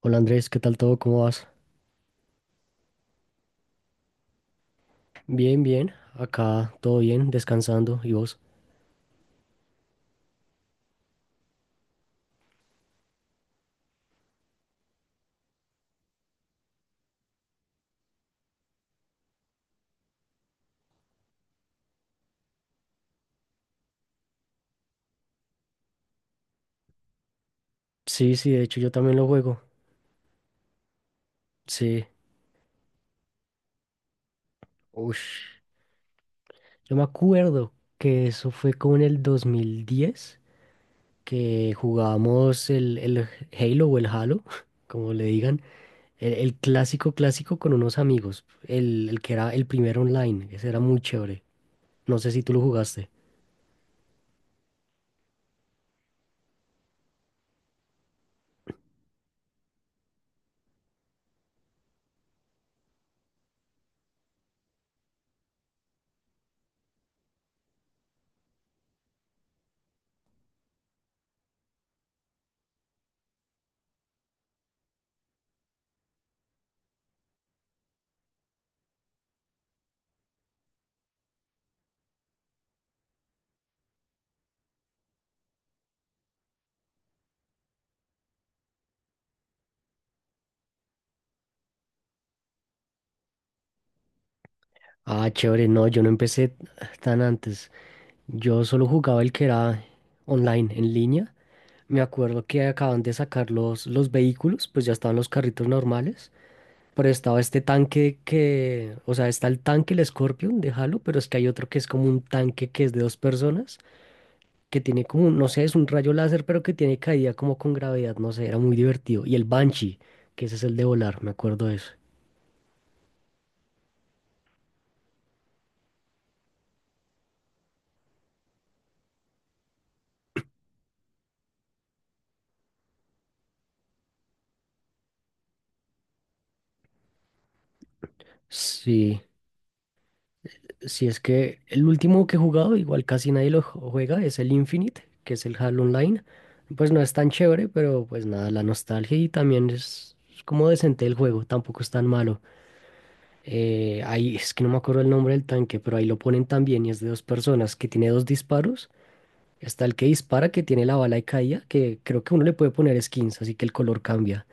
Hola Andrés, ¿qué tal todo? ¿Cómo vas? Bien, bien. Acá todo bien, descansando. ¿Y vos? Sí, sí, de hecho yo también lo juego. Sí. Ush. Yo me acuerdo que eso fue como en el 2010 que jugábamos el Halo o el Halo, como le digan. El clásico clásico con unos amigos. El que era el primer online. Ese era muy chévere. No sé si tú lo jugaste. Ah, chévere. No, yo no empecé tan antes. Yo solo jugaba el que era online, en línea. Me acuerdo que acaban de sacar los vehículos, pues ya estaban los carritos normales, pero estaba este tanque que, o sea, está el tanque, el Scorpion de Halo, pero es que hay otro que es como un tanque que es de dos personas, que tiene como, no sé, es un rayo láser, pero que tiene caída como con gravedad, no sé, era muy divertido. Y el Banshee, que ese es el de volar, me acuerdo de eso. Sí. Si es que el último que he jugado, igual casi nadie juega, es el Infinite, que es el Halo Online. Pues no es tan chévere, pero pues nada, la nostalgia y también es como decente el juego, tampoco es tan malo. Ahí es que no me acuerdo el nombre del tanque, pero ahí lo ponen también y es de dos personas que tiene dos disparos. Está el que dispara, que tiene la bala de caída, que creo que uno le puede poner skins, así que el color cambia.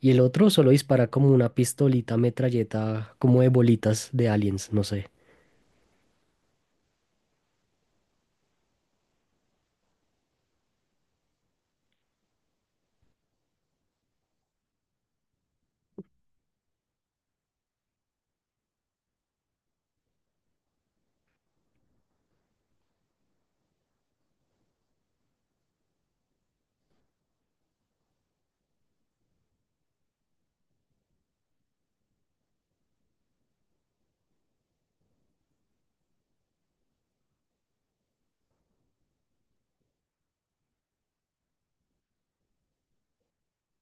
Y el otro solo dispara como una pistolita, metralleta, como de bolitas de aliens, no sé.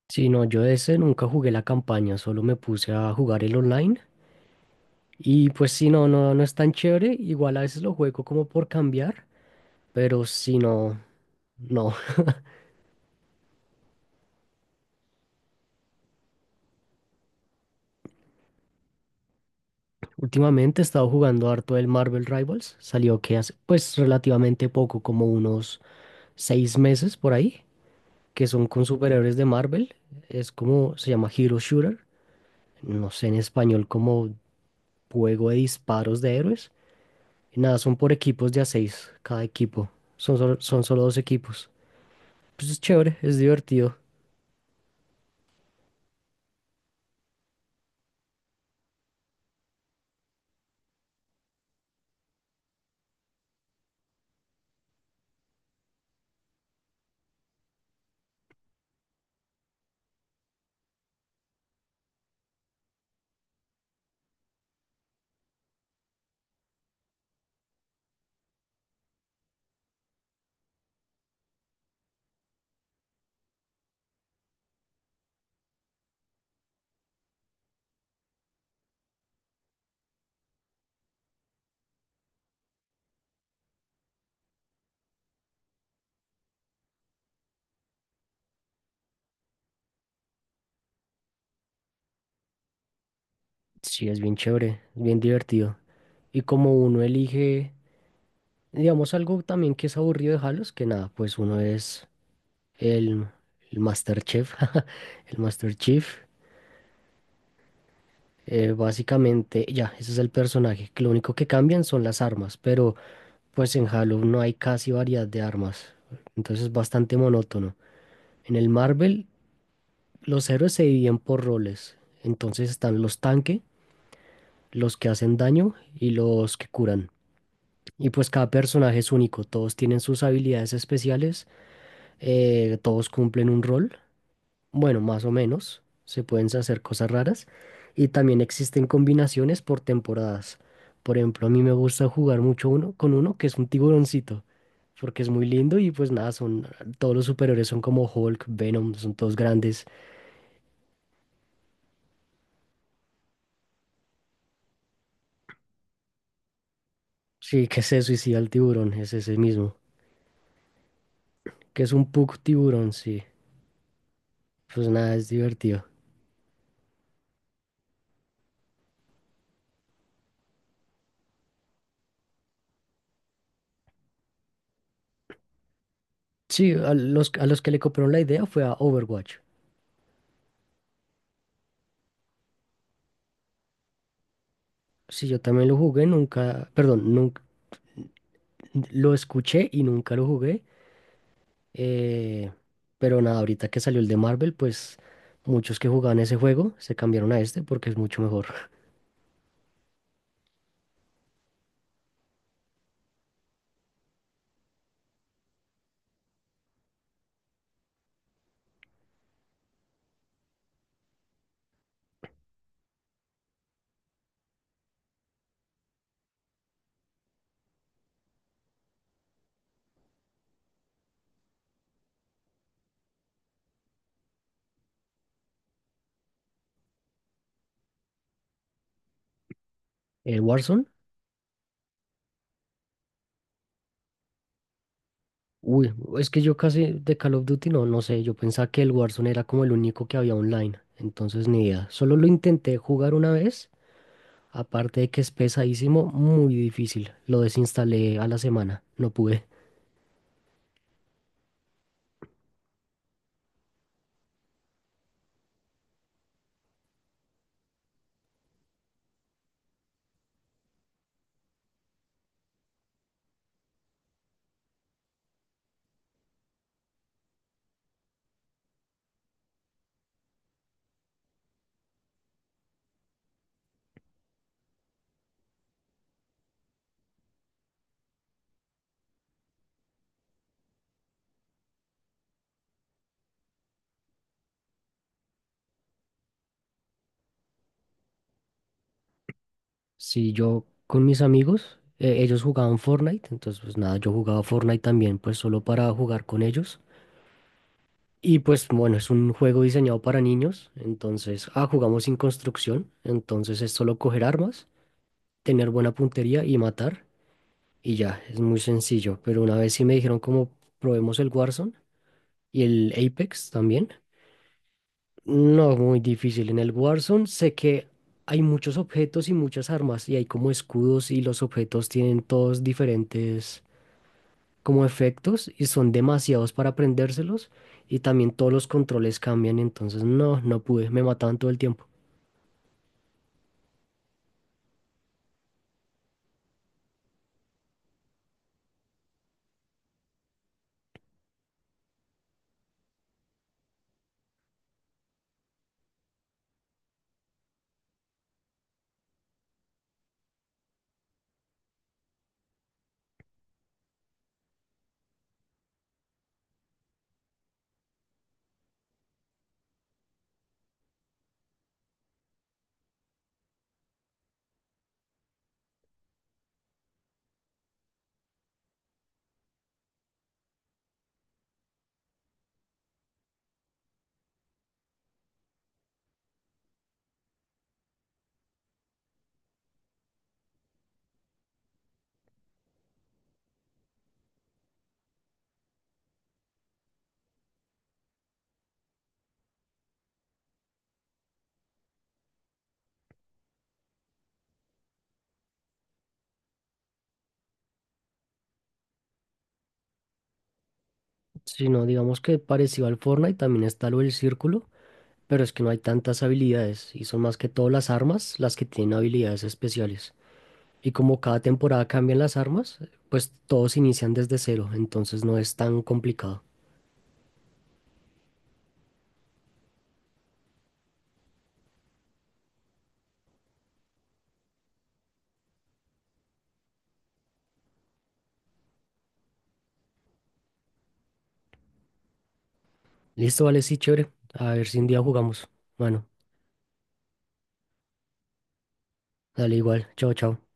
Sí, no, yo de ese nunca jugué la campaña, solo me puse a jugar el online. Y pues sí, no, no, no es tan chévere. Igual a veces lo juego como por cambiar, pero sí, no, no. Últimamente he estado jugando harto el Marvel Rivals. Salió que hace pues relativamente poco, como unos 6 meses por ahí, que son con superhéroes de Marvel. Es como, se llama Hero Shooter. No sé en español como juego de disparos de héroes. Y nada, son por equipos de a seis, cada equipo. Son solo dos equipos. Pues es chévere, es divertido. Sí, es bien chévere, es bien divertido. Y como uno elige, digamos, algo también que es aburrido de Halos, que nada, pues uno es el, el Master Chef, el Master Chief. Básicamente, ya, ese es el personaje que lo único que cambian son las armas, pero pues en Halo no hay casi variedad de armas. Entonces es bastante monótono. En el Marvel, los héroes se dividen por roles. Entonces están los tanque, los que hacen daño y los que curan. Y pues cada personaje es único, todos tienen sus habilidades especiales, todos cumplen un rol, bueno, más o menos, se pueden hacer cosas raras y también existen combinaciones por temporadas. Por ejemplo, a mí me gusta jugar mucho uno con uno que es un tiburoncito, porque es muy lindo y pues nada, son todos los superiores son como Hulk, Venom, son todos grandes. Sí, que se suicida el tiburón, es ese mismo, que es un pug tiburón, sí. Pues nada, es divertido. Sí, a los que le copiaron la idea fue a Overwatch. Sí, yo también lo jugué, nunca, perdón, nunca lo escuché y nunca lo jugué. Eh, pero nada, ahorita que salió el de Marvel, pues muchos que jugaban ese juego se cambiaron a este porque es mucho mejor. El Warzone, uy, es que yo casi de Call of Duty no, no sé, yo pensaba que el Warzone era como el único que había online, entonces ni idea. Solo lo intenté jugar una vez, aparte de que es pesadísimo, muy difícil. Lo desinstalé a la semana, no pude. Si yo con mis amigos, ellos jugaban Fortnite, entonces pues nada, yo jugaba Fortnite también, pues solo para jugar con ellos. Y pues bueno, es un juego diseñado para niños, entonces, ah, jugamos sin construcción, entonces es solo coger armas, tener buena puntería y matar, y ya, es muy sencillo. Pero una vez sí me dijeron como probemos el Warzone y el Apex también. No, muy difícil. En el Warzone sé que hay muchos objetos y muchas armas y hay como escudos y los objetos tienen todos diferentes como efectos y son demasiados para aprendérselos y también todos los controles cambian, entonces no, no pude, me mataban todo el tiempo. Si no, digamos que parecido al Fortnite también está lo del círculo, pero es que no hay tantas habilidades y son más que todo las armas las que tienen habilidades especiales. Y como cada temporada cambian las armas, pues todos inician desde cero, entonces no es tan complicado. Listo, vale, sí, chévere. A ver si un día jugamos. Bueno, dale igual. Chao, chao.